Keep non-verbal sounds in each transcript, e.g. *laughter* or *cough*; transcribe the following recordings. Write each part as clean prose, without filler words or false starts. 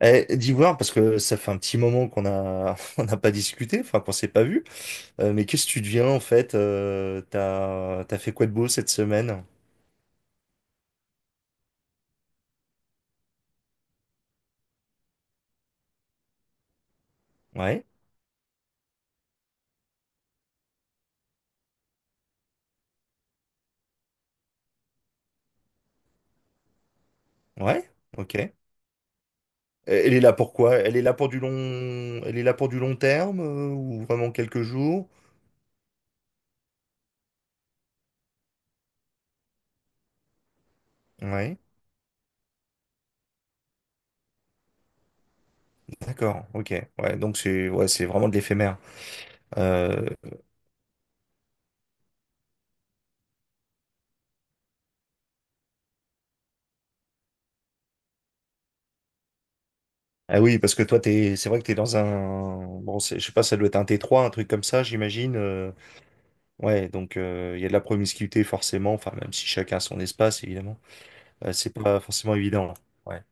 Eh, d'Ivoire, parce que ça fait un petit moment qu'on a *laughs* on n'a pas discuté, enfin qu'on s'est pas vu. Mais qu'est-ce que tu deviens en fait? T'as fait quoi de beau cette semaine? Ouais, ouais, ok. Elle est là pour quoi? Elle est là pour du long, elle est là pour du long terme ou vraiment quelques jours? Ouais, d'accord, ok. Ouais, donc c'est ouais, c'est vraiment de l'éphémère. Euh, Ah oui, parce que toi t'es, c'est vrai que t'es dans un, bon, je sais pas, ça doit être un t trois, un truc comme ça, j'imagine. Ouais, donc il y a de la promiscuité forcément, enfin même si chacun a son espace évidemment, c'est pas forcément évident, hein. Ouais.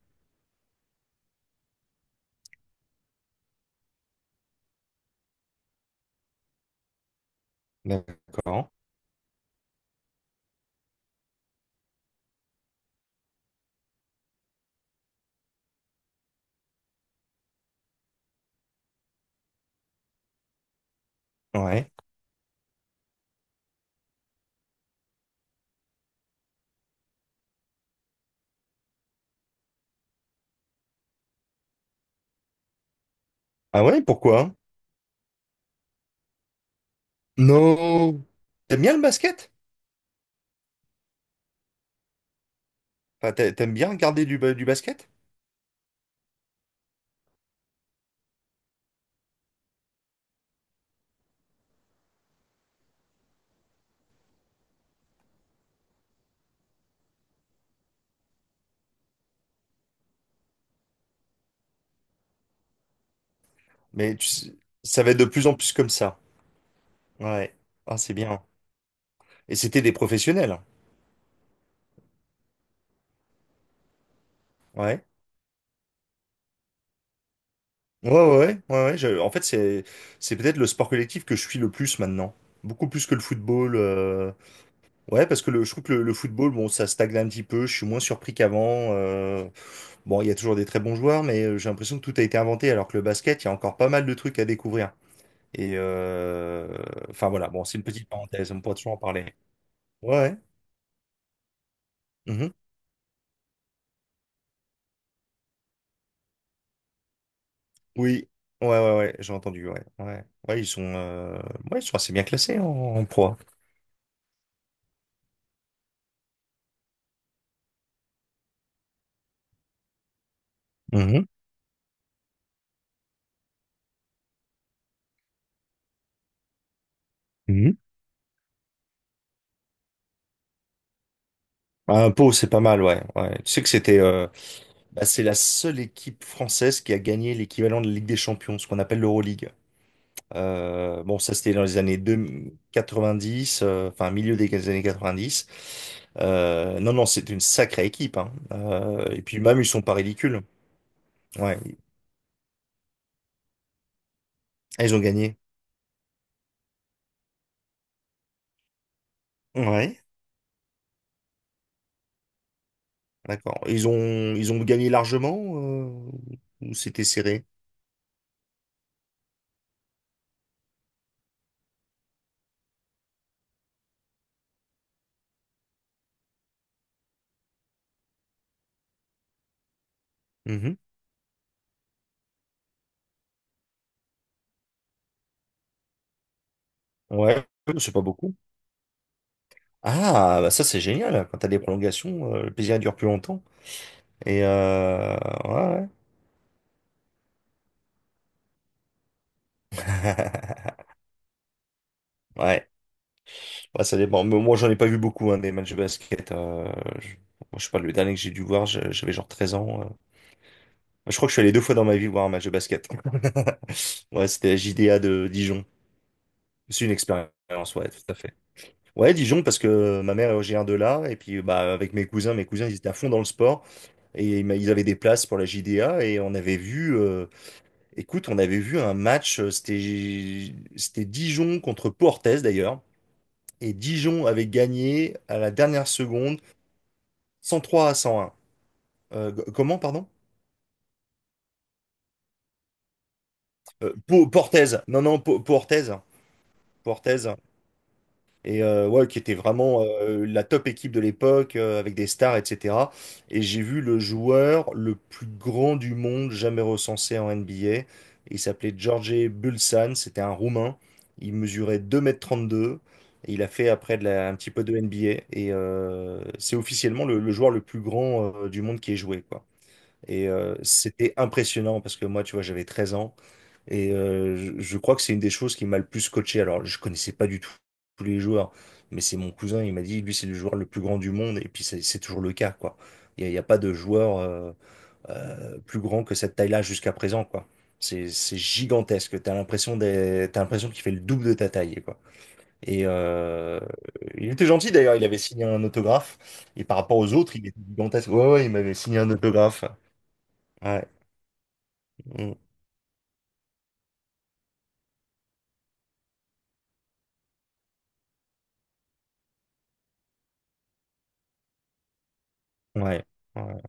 D'accord. Ouais. Ah ouais, pourquoi? Non. T'aimes bien le basket? Enfin, t'aimes bien regarder du, du basket? Mais tu sais, ça va être de plus en plus comme ça. Ouais. Ah, c'est bien. Et c'était des professionnels, hein. Ouais. Ouais, ouais, ouais, ouais, ouais, en fait, c'est peut-être le sport collectif que je suis le plus maintenant. Beaucoup plus que le football. Ouais, parce que le, je trouve que le football, bon, ça stagne un petit peu. Je suis moins surpris qu'avant. Bon, il y a toujours des très bons joueurs, mais j'ai l'impression que tout a été inventé, alors que le basket, il y a encore pas mal de trucs à découvrir. Et enfin voilà, bon, c'est une petite parenthèse. On pourra toujours en parler. Ouais, ouais. Mhm. Oui. Ouais, ouais, ouais. J'ai entendu. Ouais, ouais. Ouais, ils sont assez bien classés en, en pro. Mhm. Mhm. Ah, Pau, c'est pas mal, ouais. Ouais. Tu sais que c'était, bah, c'est la seule équipe française qui a gagné l'équivalent de la Ligue des Champions, ce qu'on appelle l'Euroleague. Bon, ça, c'était dans les années 2 90, enfin, milieu des années 90. Non, non, c'est une sacrée équipe, hein. Et puis même, ils sont pas ridicules. Ouais, ils ont gagné. Ouais, d'accord. Ils ont gagné largement, ou c'était serré? Mhm. Ouais, c'est pas beaucoup. Ah, bah ça, c'est génial. Quand t'as des prolongations, le plaisir dure plus longtemps. Et ouais, ouais. *laughs* Ouais. Bah, ça dépend. Mais moi, j'en ai pas vu beaucoup, hein, des matchs de basket. Je... moi, je sais pas, le dernier que j'ai dû voir, j'avais genre 13 ans. Je crois que je suis allé deux fois dans ma vie voir un match de basket. *laughs* Ouais, c'était la JDA de Dijon. C'est une expérience, ouais, tout à fait. Ouais, Dijon, parce que ma mère est originaire de là, et puis bah, avec mes cousins, ils étaient à fond dans le sport, et ils avaient des places pour la JDA, et on avait vu, écoute, on avait vu un match, c'était c'était Dijon contre Portes d'ailleurs, et Dijon avait gagné à la dernière seconde. 103 à 101. Comment, pardon? Portez. Non, non, Portez. Portez. Et ouais, qui était vraiment la top équipe de l'époque, avec des stars, etc. Et j'ai vu le joueur le plus grand du monde jamais recensé en NBA. Il s'appelait George Bulsan, c'était un Roumain. Il mesurait 2 m 32. Et il a fait après un petit peu de NBA. Et c'est officiellement le joueur le plus grand du monde qui ait joué, quoi. Et c'était impressionnant parce que moi, tu vois, j'avais 13 ans et je crois que c'est une des choses qui m'a le plus coaché. Alors, je connaissais pas du tout tous les joueurs, mais c'est mon cousin, il m'a dit, lui, c'est le joueur le plus grand du monde et puis c'est toujours le cas, quoi. Il n'y a, il y a pas de joueur plus grand que cette taille-là jusqu'à présent, quoi. C'est gigantesque. T'as t'as l'impression qu'il fait le double de ta taille, quoi. Et il était gentil d'ailleurs, il avait signé un autographe. Et par rapport aux autres, il était gigantesque. Ouais, ouais, il m'avait signé un autographe. Ouais. Mm. Ouais, ouais,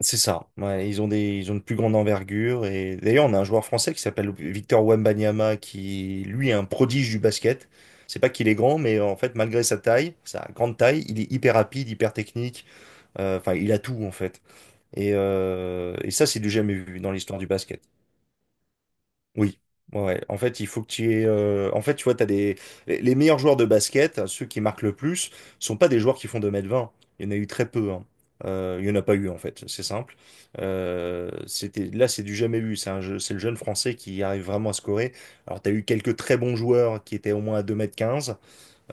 c'est ça. Ouais, ils ont des, ils ont une plus grande envergure. Et d'ailleurs, on a un joueur français qui s'appelle Victor Wembanyama, qui lui est un prodige du basket. C'est pas qu'il est grand, mais en fait, malgré sa taille, sa grande taille, il est hyper rapide, hyper technique. Enfin, il a tout en fait. Et ça, c'est du jamais vu dans l'histoire du basket. Oui, ouais, ouais. En fait, il faut que tu aies. En fait, tu vois, t'as des... les meilleurs joueurs de basket, ceux qui marquent le plus, sont pas des joueurs qui font deux mètres vingt. Il y en a eu très peu, hein. Il y en a pas eu, en fait. C'est simple. C'était... là, c'est du jamais vu. C'est le jeune français qui arrive vraiment à scorer. Alors, tu as eu quelques très bons joueurs qui étaient au moins à deux mètres quinze.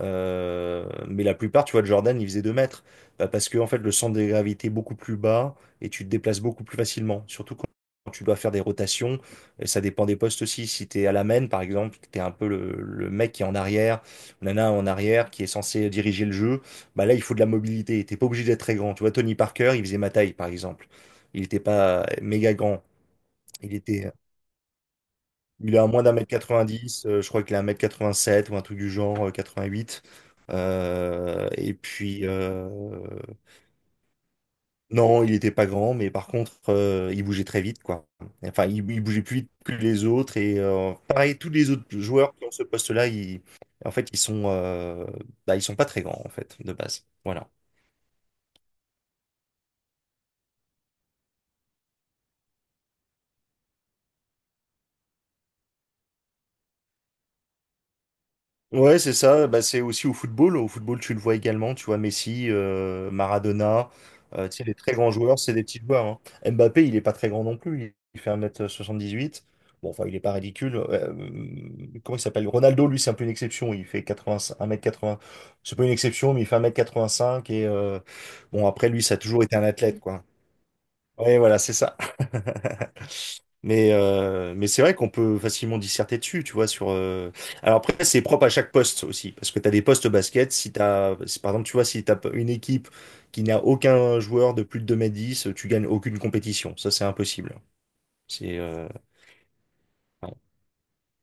Mais la plupart, tu vois, de Jordan, il faisait 2 mètres. Bah, parce que, en fait, le centre de gravité est beaucoup plus bas et tu te déplaces beaucoup plus facilement. Surtout quand tu dois faire des rotations. Et ça dépend des postes aussi. Si tu es à la main, par exemple, tu es un peu le mec qui est en arrière, ou nana en arrière, qui est censé diriger le jeu. Bah là, il faut de la mobilité. T'es pas obligé d'être très grand. Tu vois, Tony Parker, il faisait ma taille, par exemple. Il n'était pas méga grand. Il était il est à moins d'un mètre 90, je crois qu'il est à un mètre sept ou un truc du genre, 88. Euh, et puis, euh, non, il était pas grand, mais par contre, il bougeait très vite, quoi. Enfin, il bougeait plus vite que les autres. Et pareil, tous les autres joueurs qui ont ce poste-là, ils, en fait, ils sont, bah, ils sont pas très grands, en fait, de base. Voilà. Ouais, c'est ça. Bah, c'est aussi au football. Au football, tu le vois également. Tu vois Messi, Maradona. Tu sais, les très grands joueurs, c'est des petits joueurs, hein. Mbappé, il est pas très grand non plus. Il fait un mètre soixante-dix-huit. Bon, enfin, il est pas ridicule. Comment il s'appelle? Ronaldo, lui, c'est un peu une exception. Il fait quatre-vingts, un mètre quatre-vingts. C'est pas une exception, mais il fait un mètre 85. Et bon, après, lui, ça a toujours été un athlète, quoi. Ouais, voilà, c'est ça. *laughs* Mais c'est vrai qu'on peut facilement disserter dessus, tu vois, sur... Alors après, c'est propre à chaque poste aussi, parce que tu as des postes basket, si t'as... si, par exemple, tu vois, si tu as une équipe qui n'a aucun joueur de plus de deux mètres dix, tu gagnes aucune compétition. Ça, c'est impossible. C'est... ouais.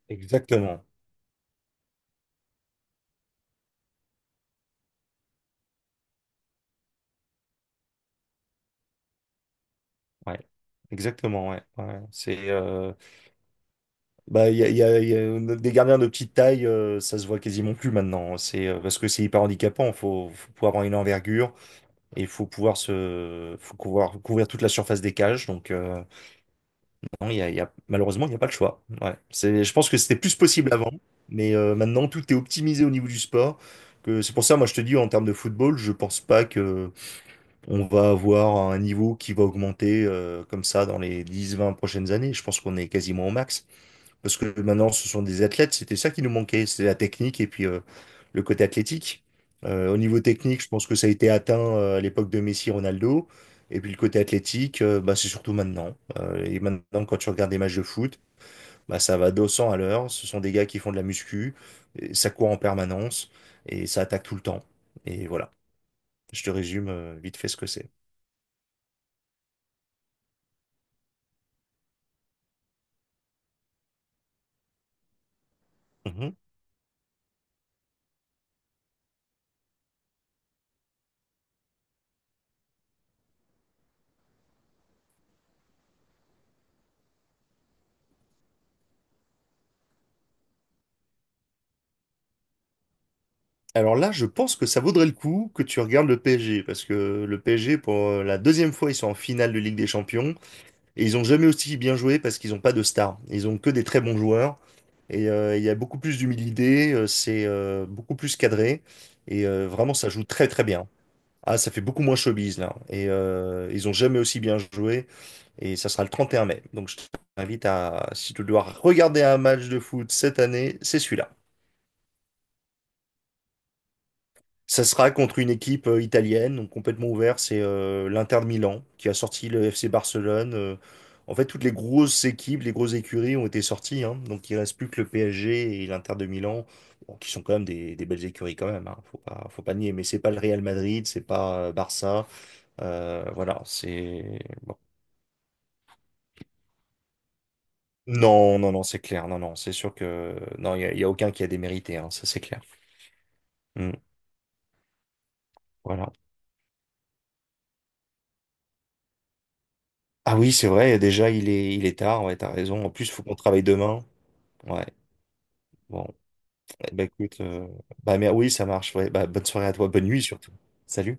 Exactement. Ouais. Exactement, ouais, ouais. C'est... bah, il y a des gardiens de petite taille, ça se voit quasiment plus maintenant. C'est parce que c'est hyper handicapant, faut pouvoir avoir une envergure. Et il faut pouvoir se, faut pouvoir couvrir toute la surface des cages. Donc, non, malheureusement, il n'y a pas le choix. Ouais. C'est, je pense que c'était plus possible avant, mais maintenant, tout est optimisé au niveau du sport. Que c'est pour ça, moi, je te dis, en termes de football, je pense pas que on va avoir un niveau qui va augmenter comme ça dans les dix vingt prochaines années. Je pense qu'on est quasiment au max. Parce que maintenant, ce sont des athlètes, c'était ça qui nous manquait, c'est la technique et puis le côté athlétique. Au niveau technique, je pense que ça a été atteint à l'époque de Messi, Ronaldo. Et puis le côté athlétique, bah, c'est surtout maintenant. Et maintenant, quand tu regardes des matchs de foot, bah, ça va 200 à l'heure. Ce sont des gars qui font de la muscu, et ça court en permanence et ça attaque tout le temps. Et voilà, je te résume vite fait ce que c'est. Alors là, je pense que ça vaudrait le coup que tu regardes le PSG, parce que le PSG, pour la deuxième fois, ils sont en finale de Ligue des Champions, et ils ont jamais aussi bien joué parce qu'ils n'ont pas de stars. Ils ont que des très bons joueurs, et il y a beaucoup plus d'humilité, c'est beaucoup plus cadré, et vraiment, ça joue très très bien. Ah, ça fait beaucoup moins showbiz là, et ils ont jamais aussi bien joué, et ça sera le 31 mai. Donc je t'invite à, si tu dois regarder un match de foot cette année, c'est celui-là. Ça sera contre une équipe italienne, donc complètement ouverte, c'est l'Inter de Milan qui a sorti le FC Barcelone. En fait, toutes les grosses équipes, les grosses écuries ont été sorties, hein. Donc il reste plus que le PSG et l'Inter de Milan, bon, qui sont quand même des belles écuries quand même, hein. Faut pas nier. Mais c'est pas le Real Madrid, c'est pas Barça, voilà, c'est bon. Non, non, non, c'est clair, non, non, c'est sûr que non, il y a aucun qui a démérité, hein, ça c'est clair. Mm. Voilà. Ah oui, c'est vrai, déjà il est tard, ouais, t'as raison. En plus, faut qu'on travaille demain. Ouais. Bon, bah écoute, bah mais oui, ça marche. Ouais, bah bonne soirée à toi, bonne nuit surtout. Salut.